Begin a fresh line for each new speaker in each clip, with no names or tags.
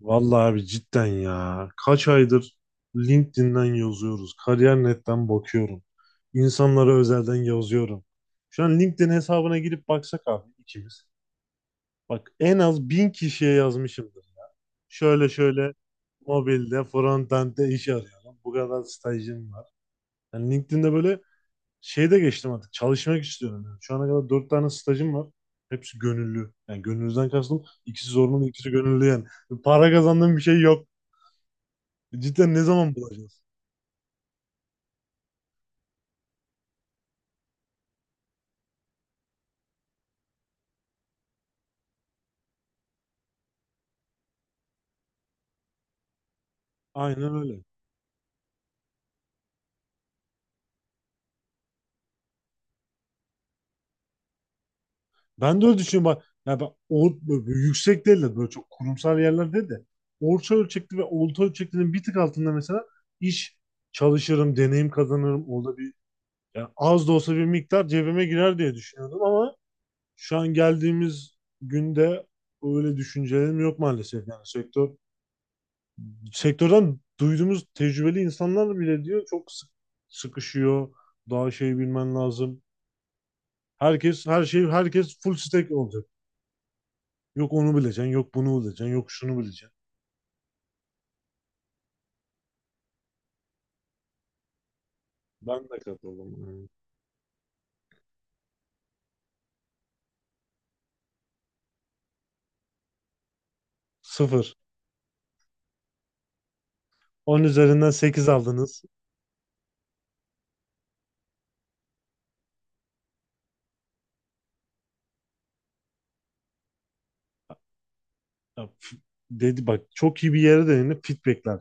Vallahi abi cidden ya. Kaç aydır LinkedIn'den yazıyoruz. Kariyer.net'ten bakıyorum. İnsanlara özelden yazıyorum. Şu an LinkedIn hesabına girip baksak abi ikimiz. Bak en az bin kişiye yazmışımdır. Şöyle şöyle mobilde, frontend'de iş arıyorum. Bu kadar stajım var. Yani LinkedIn'de böyle şeyde geçtim artık. Çalışmak istiyorum. Yani şu ana kadar dört tane stajım var. Hepsi gönüllü. Yani gönüllüden kastım ikisi zorunlu, ikisi gönüllü yani. Para kazandığım bir şey yok. Cidden ne zaman bulacağız? Aynen öyle. Ben de öyle düşünüyorum. Bak, ya ben böyle yüksek değil de böyle çok kurumsal yerlerde de orta ölçekli ve orta ölçeklinin bir tık altında mesela iş çalışırım, deneyim kazanırım. Orada bir yani az da olsa bir miktar cebime girer diye düşünüyordum ama şu an geldiğimiz günde öyle düşüncelerim yok maalesef. Yani sektörden duyduğumuz tecrübeli insanlar bile diyor çok sıkışıyor. Daha şey bilmen lazım. Herkes her şey herkes full stack olacak. Yok onu bileceksin, yok bunu bileceksin, yok şunu bileceksin. Ben de katıldım, yani. Sıfır. 10 üzerinden sekiz aldınız. Ya, f- Dedi bak çok iyi bir yere değindi feedbackler.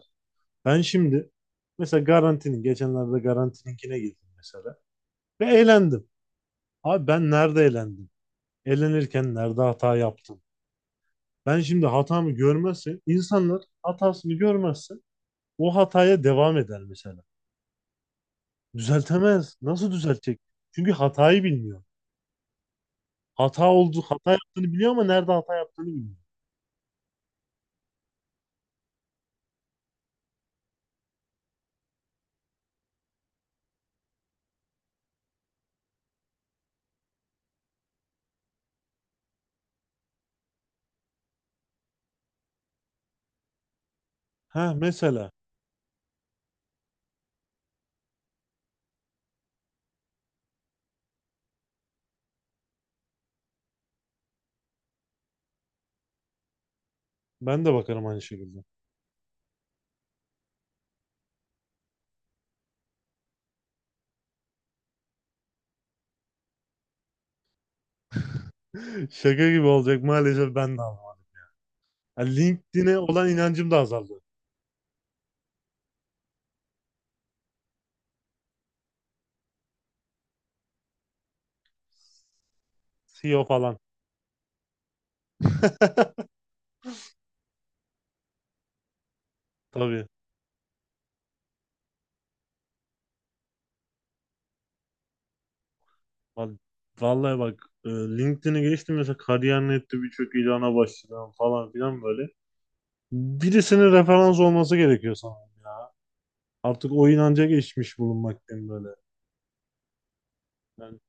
Ben şimdi mesela geçenlerde Garanti'ninkine girdim mesela ve eğlendim. Abi ben nerede eğlendim? Eğlenirken nerede hata yaptım? Ben şimdi hatamı görmezse insanlar hatasını görmezse o hataya devam eder mesela. Düzeltemez. Nasıl düzeltecek? Çünkü hatayı bilmiyor. Hata oldu, hata yaptığını biliyor ama nerede hata yaptığını bilmiyor. Ha mesela ben de bakarım aynı şekilde. Şaka gibi olacak maalesef ben de ama. Ha, LinkedIn'e olan inancım da azaldı. CEO falan. Tabii. Val- Vallahi bak LinkedIn'e geçtim mesela kariyer nokta nette birçok ilana başladım falan filan böyle. Birisinin referans olması gerekiyor sanırım ya. Artık o inanca geçmiş bulunmaktayım böyle. Yani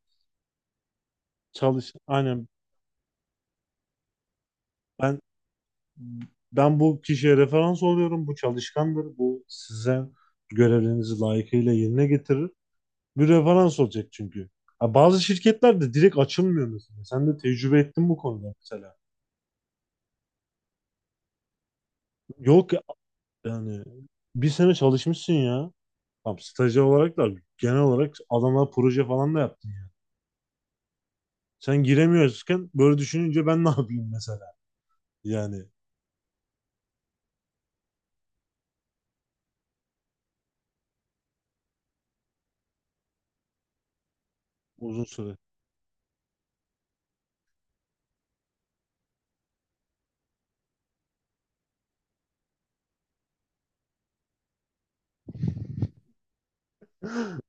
çalış aynen ben ben bu kişiye referans oluyorum. Bu çalışkandır. Bu size görevlerinizi layıkıyla yerine getirir. Bir referans olacak çünkü. Ha, bazı şirketler de direkt açılmıyor mesela. Sen de tecrübe ettin bu konuda mesela. Yok ya, yani bir sene çalışmışsın ya. Tam stajyer olarak da genel olarak adamlar proje falan da yaptın ya. Sen giremiyorken böyle düşününce ben ne yapayım mesela? Yani uzun süre.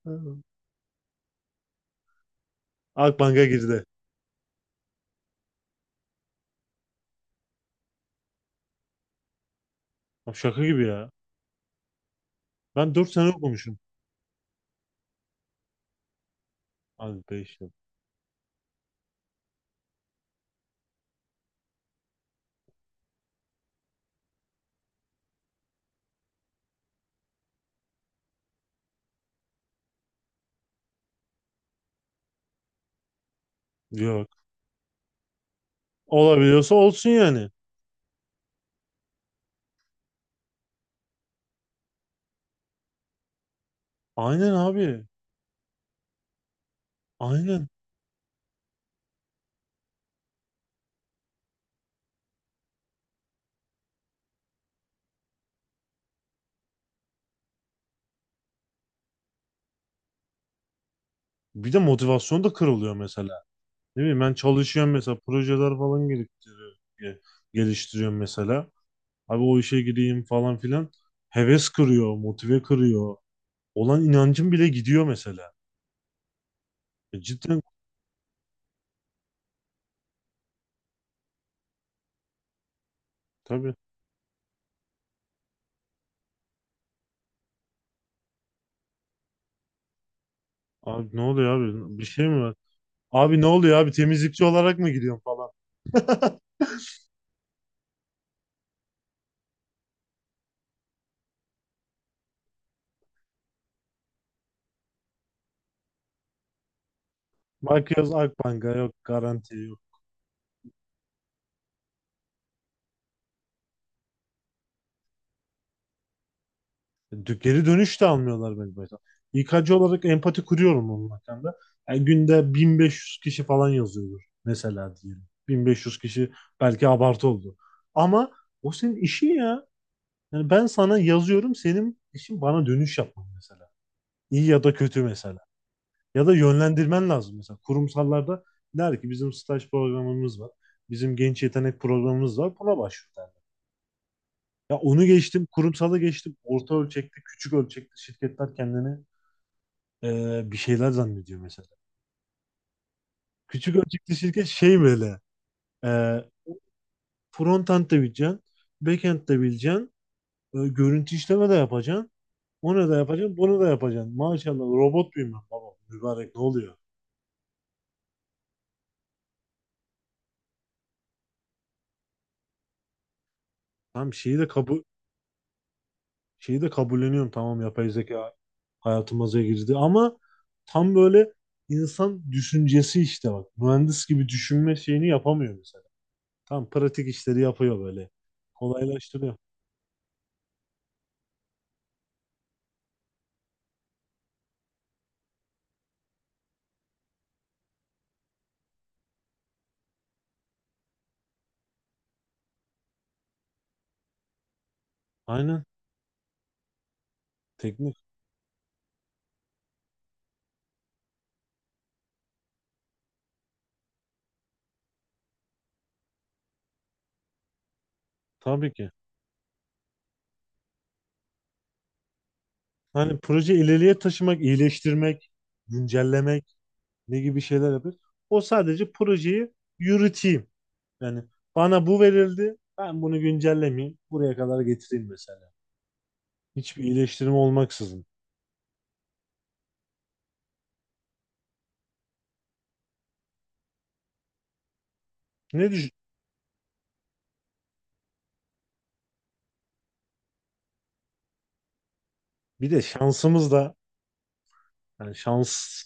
Hı. Akbank'a girdi. Ya, şaka gibi ya. Ben 4 sene okumuşum. Abi 5. Yok. Olabiliyorsa olsun yani. Aynen abi. Aynen. Bir de motivasyon da kırılıyor mesela. Ne bileyim ben çalışıyorum mesela projeler falan geliştiriyorum, geliştiriyorum mesela. Abi o işe gireyim falan filan. Heves kırıyor, motive kırıyor. Olan inancım bile gidiyor mesela. E cidden tabii. Abi ne oluyor abi? Bir şey mi var? Abi ne oluyor abi? Temizlikçi olarak mı gidiyorum falan? Bakıyoruz Akbank'a yok garanti. Geri dönüş de almıyorlar beni mesela. İK'cı olarak empati kuruyorum onun hakkında. Yani günde 1500 kişi falan yazıyordur mesela diyelim. 1500 kişi belki abartı oldu. Ama o senin işin ya. Yani ben sana yazıyorum senin işin bana dönüş yapman mesela. İyi ya da kötü mesela. Ya da yönlendirmen lazım mesela. Kurumsallarda der ki bizim staj programımız var. Bizim genç yetenek programımız var. Buna başvur derler. Ya onu geçtim, kurumsala geçtim. Orta ölçekli, küçük ölçekli şirketler kendini bir şeyler zannediyor mesela. Küçük ölçekli şirket şey böyle e, front de bileceksin, backend de bileceksin, görüntü işleme de yapacaksın, onu da yapacaksın, bunu da yapacaksın. Maşallah robot muyum ben baba? Mübarek ne oluyor? Tamam şeyi de kabulleniyorum tamam yapay zeka hayatımıza girdi ama tam böyle insan düşüncesi işte bak. Mühendis gibi düşünme şeyini yapamıyor mesela. Tam pratik işleri yapıyor böyle. Kolaylaştırıyor. Aynen. Teknik. Tabii ki. Hani proje ileriye taşımak, iyileştirmek, güncellemek ne gibi şeyler yapıyor. O sadece projeyi yürüteyim. Yani bana bu verildi, ben bunu güncellemeyeyim, buraya kadar getireyim mesela. Hiçbir iyileştirme olmaksızın. Ne düşün? Bir de şansımız da yani şans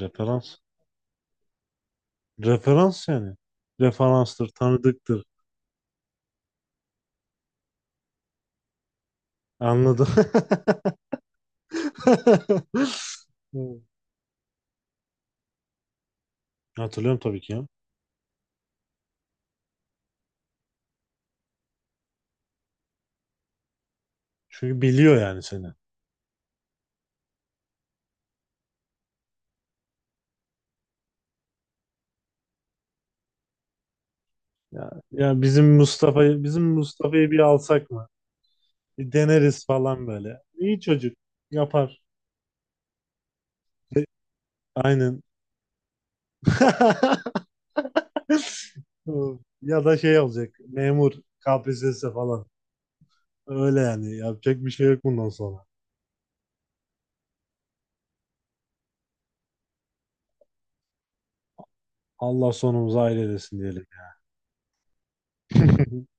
referans referans yani referanstır, tanıdıktır. Anladım. Hatırlıyorum tabii ki ya. Çünkü biliyor yani seni. Ya, ya bizim Mustafa'yı bir alsak mı? Bir deneriz falan böyle. İyi çocuk yapar. E, aynen. Ya da şey olacak. Memur KPSS falan. Öyle yani. Yapacak bir şey yok bundan sonra. Allah sonumuzu hayır eylesin diyelim.